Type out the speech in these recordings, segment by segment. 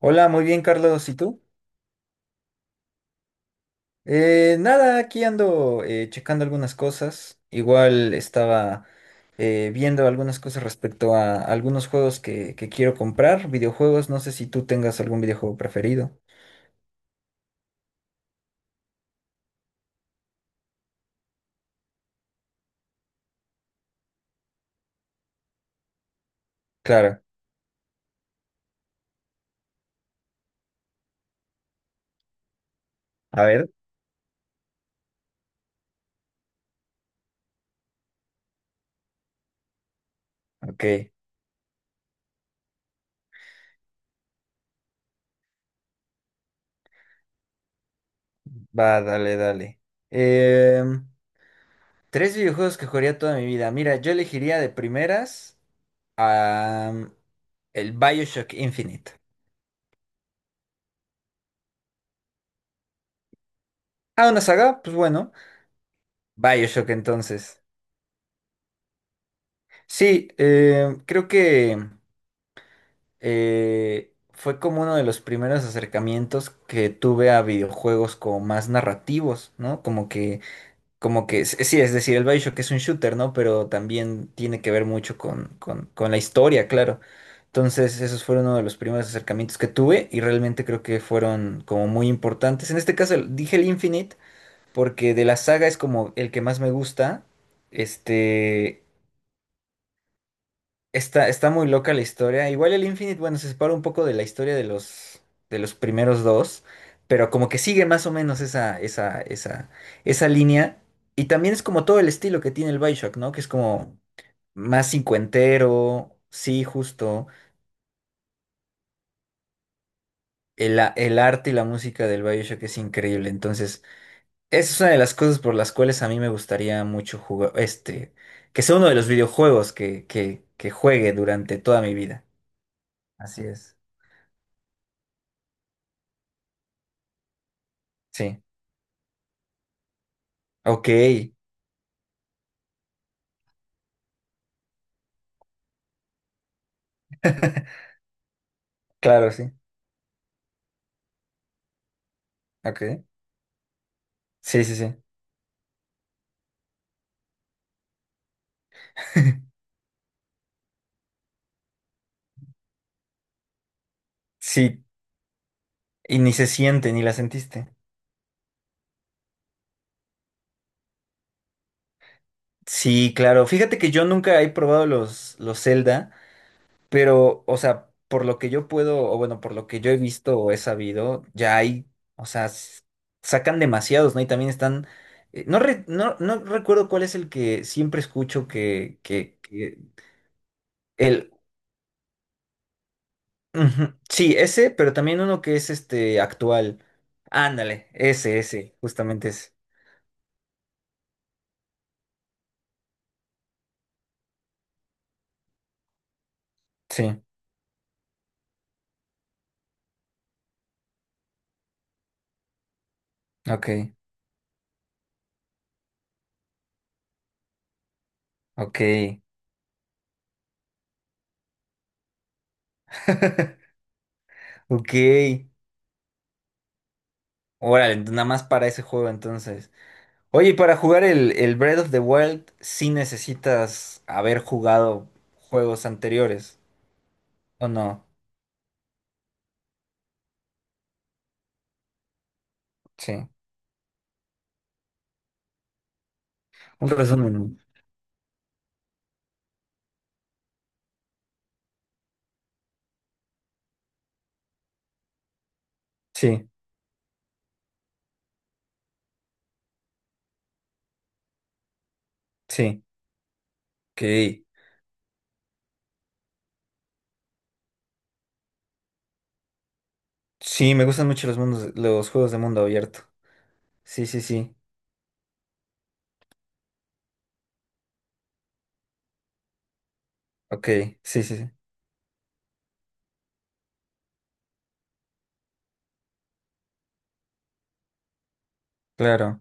Hola, muy bien, Carlos. ¿Y tú? Nada, aquí ando checando algunas cosas. Igual estaba viendo algunas cosas respecto a algunos juegos que quiero comprar, videojuegos. No sé si tú tengas algún videojuego preferido. Claro. A ver. Ok. Va, dale, dale. Em, Tres videojuegos que jugaría toda mi vida. Mira, yo elegiría de primeras am, el Bioshock Infinite. Ah, una saga, pues bueno. Bioshock entonces. Sí, creo que fue como uno de los primeros acercamientos que tuve a videojuegos como más narrativos, ¿no? Sí, es decir, el BioShock es un shooter, ¿no? Pero también tiene que ver mucho con la historia, claro. Entonces, esos fueron uno de los primeros acercamientos que tuve y realmente creo que fueron como muy importantes. En este caso, dije el Infinite porque de la saga es como el que más me gusta. Este, está muy loca la historia. Igual el Infinite, bueno, se separa un poco de la historia de los primeros dos, pero como que sigue más o menos esa línea. Y también es como todo el estilo que tiene el Bioshock, ¿no? Que es como más cincuentero, sí, justo. El arte y la música del Bioshock es increíble. Entonces, esa es una de las cosas por las cuales a mí me gustaría mucho jugar, que sea uno de los videojuegos que juegue durante toda mi vida. Así es. Sí. Ok, claro, sí. Ok. Sí, sí, sí. Sí, y ni se siente, ni la sentiste. Sí, claro. Fíjate que yo nunca he probado los Zelda, pero, o sea, por lo que yo puedo, o bueno, por lo que yo he visto o he sabido, ya hay, o sea, sacan demasiados, ¿no? Y también están, no, no recuerdo cuál es el que siempre escucho que el, Ujú. Sí, ese, pero también uno que es este actual. Ándale, ese, justamente ese. Sí, ok, ok. Ok. Órale, nada más para ese juego entonces. Oye, y para jugar el Breath of the Wild, sí necesitas haber jugado juegos anteriores, ¿o no? Sí. Un resumen. Sí, sí. Ok. Sí, me gustan mucho los mundos, los juegos de mundo abierto. Sí, sí, sí. Ok, sí, sí, sí. Claro.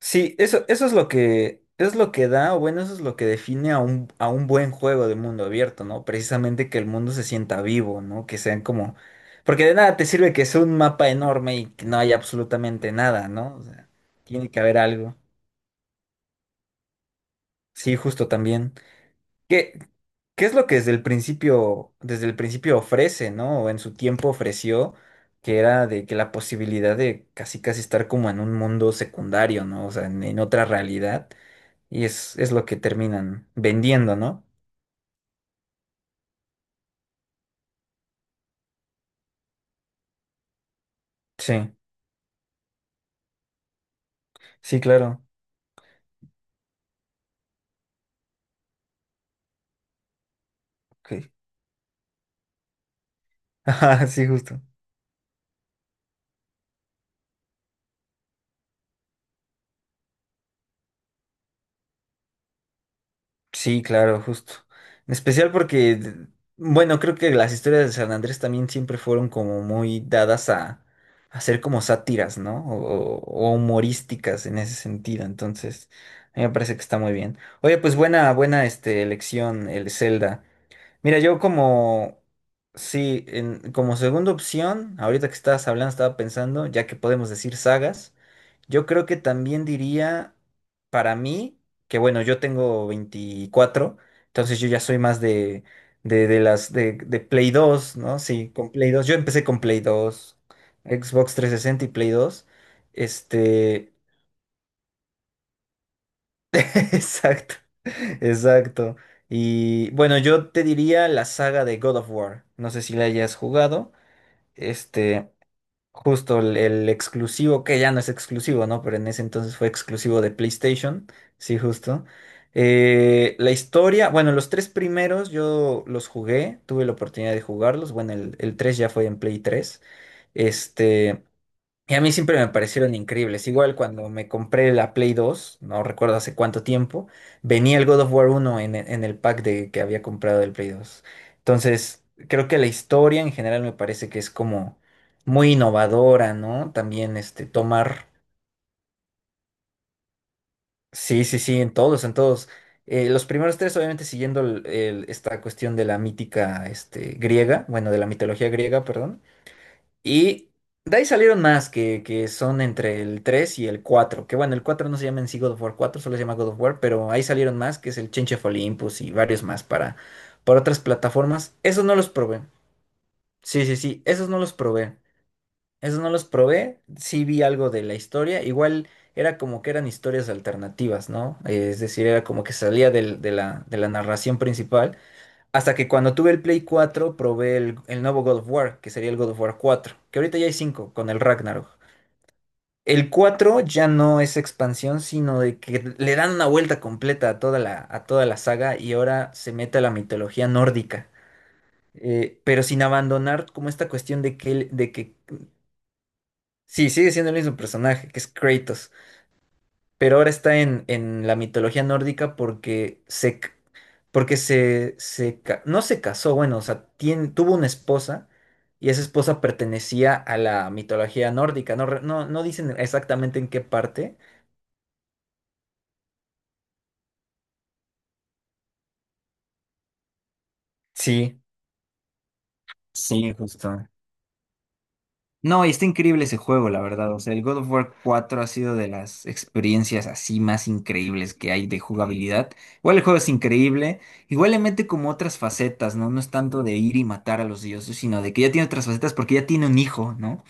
Sí, eso es lo que da, o bueno, eso es lo que define a un buen juego de mundo abierto, ¿no? Precisamente que el mundo se sienta vivo, ¿no? Que sean como... Porque de nada te sirve que sea un mapa enorme y que no haya absolutamente nada, ¿no? O sea, tiene que haber algo. Sí, justo también. ¿Qué, qué es lo que desde el principio ofrece, ¿no? O en su tiempo ofreció, que era de que la posibilidad de casi casi estar como en un mundo secundario, ¿no? O sea, en otra realidad. Y es lo que terminan vendiendo, ¿no? Sí, sí, claro. Ok. Ajá, sí, justo. Sí, claro, justo. En especial porque, bueno, creo que las historias de San Andrés también siempre fueron como muy dadas a ser como sátiras, ¿no? O humorísticas en ese sentido. Entonces, a mí me parece que está muy bien. Oye, pues buena, buena elección, el Zelda. Mira, yo como, sí, en- como segunda opción, ahorita que estabas hablando, estaba pensando, ya que podemos decir sagas, yo creo que también diría, para mí, que bueno, yo tengo 24, entonces yo ya soy más de Play 2, ¿no? Sí, con Play 2 yo empecé con Play 2, Xbox 360 y Play 2. este, exacto. Exacto. Y bueno, yo te diría la saga de God of War. No sé si la hayas jugado. Este, Justo el exclusivo, que ya no es exclusivo, ¿no? Pero en ese entonces fue exclusivo de PlayStation. Sí, justo. La historia, bueno, los tres primeros yo los jugué, tuve la oportunidad de jugarlos. Bueno, el 3 ya fue en Play 3. Este. Y a mí siempre me parecieron increíbles. Igual cuando me compré la Play 2, no recuerdo hace cuánto tiempo, venía el God of War 1 en, en el pack de, que había comprado del Play 2. Entonces, creo que la historia en general me parece que es como muy innovadora, ¿no? También tomar... Sí, sí, sí, en todos, en todos. Los primeros tres, obviamente, siguiendo esta cuestión de la mítica griega, bueno, de la mitología griega, perdón. Y de ahí salieron más que son entre el 3 y el cuatro. Que bueno, el 4 no se llama en sí God of War 4, solo se llama God of War, pero ahí salieron más, que es el Change of Olympus y varios más para otras plataformas. Esos no los probé. Sí, sí, sí, esos no los probé. Esos no los probé. Sí vi algo de la historia. Igual era como que eran historias alternativas, ¿no? Es decir, era como que salía de la narración principal hasta que cuando tuve el Play 4 probé el nuevo God of War, que sería el God of War 4, que ahorita ya hay 5 con el Ragnarok. El 4 ya no es expansión, sino de que le dan una vuelta completa a toda la saga y ahora se mete a la mitología nórdica. Pero sin abandonar como esta cuestión de que sí, sigue siendo el mismo personaje, que es Kratos, pero ahora está en la mitología nórdica porque se, porque no se casó, bueno, o sea, tuvo una esposa y esa esposa pertenecía a la mitología nórdica. No, no dicen exactamente en qué parte. Sí, sí, justo. No, y está increíble ese juego, la verdad. O sea, el God of War 4 ha sido de las experiencias así más increíbles que hay de jugabilidad. Igual el juego es increíble. Igual le mete como otras facetas, ¿no? No es tanto de ir y matar a los dioses, sino de que ya tiene otras facetas porque ya tiene un hijo, ¿no?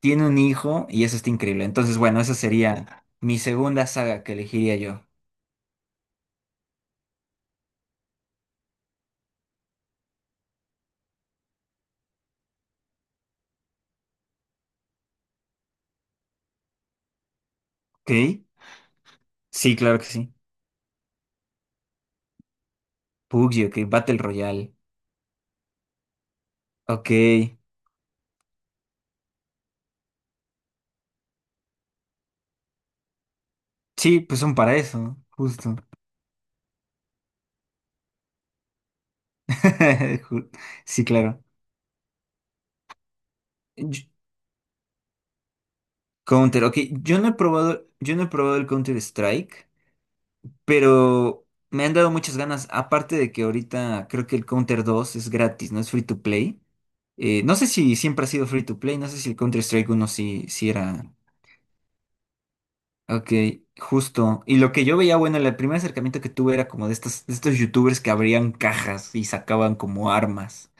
Tiene un hijo y eso está increíble. Entonces, bueno, esa sería mi segunda saga que elegiría yo. ¿Ok? Sí, claro que sí. PUBG, ok. Battle Royale. Ok. Sí, pues son para eso, justo. Ju- Sí, claro. Yo- Counter, ok. Yo no he probado, yo no he probado el Counter Strike, pero me han dado muchas ganas. Aparte de que ahorita creo que el Counter 2 es gratis, no es free to play. No sé si siempre ha sido free to play, no sé si el Counter Strike 1 sí, sí era. Ok, justo. Y lo que yo veía, bueno, el primer acercamiento que tuve era como de estos youtubers que abrían cajas y sacaban como armas.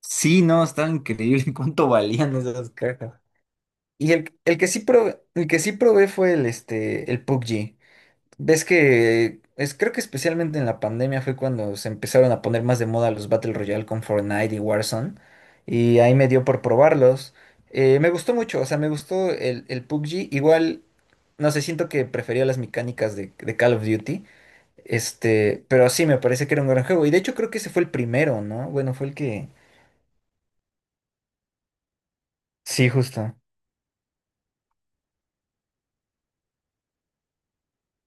Sí, no, estaba increíble cuánto valían esas cajas. Y el que sí probé fue el PUBG. Creo que especialmente en la pandemia fue cuando se empezaron a poner más de moda los Battle Royale con Fortnite y Warzone. Y ahí me dio por probarlos. Me gustó mucho, o sea, me gustó el PUBG. Igual no sé, siento que prefería las mecánicas de Call of Duty. Pero sí, me parece que era un gran juego. Y de hecho creo que ese fue el primero, ¿no? Bueno, fue el que... Sí, justo.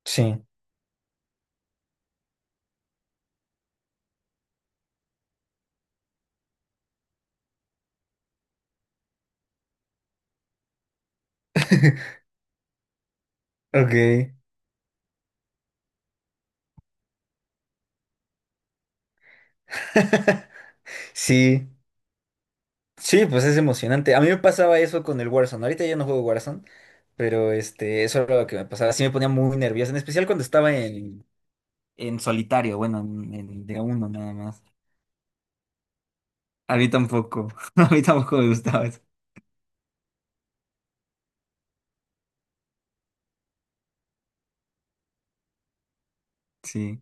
Sí. Ok. Sí. Sí, pues es emocionante. A mí me pasaba eso con el Warzone. Ahorita ya no juego Warzone, pero eso era lo que me pasaba. Sí me ponía muy nervioso, en especial cuando estaba en solitario, bueno, en de a uno nada más. A mí tampoco. A mí tampoco me gustaba eso. Sí.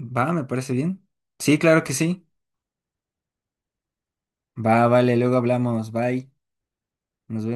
Va, me parece bien. Sí, claro que sí. Va, vale, luego hablamos. Bye. Nos vemos.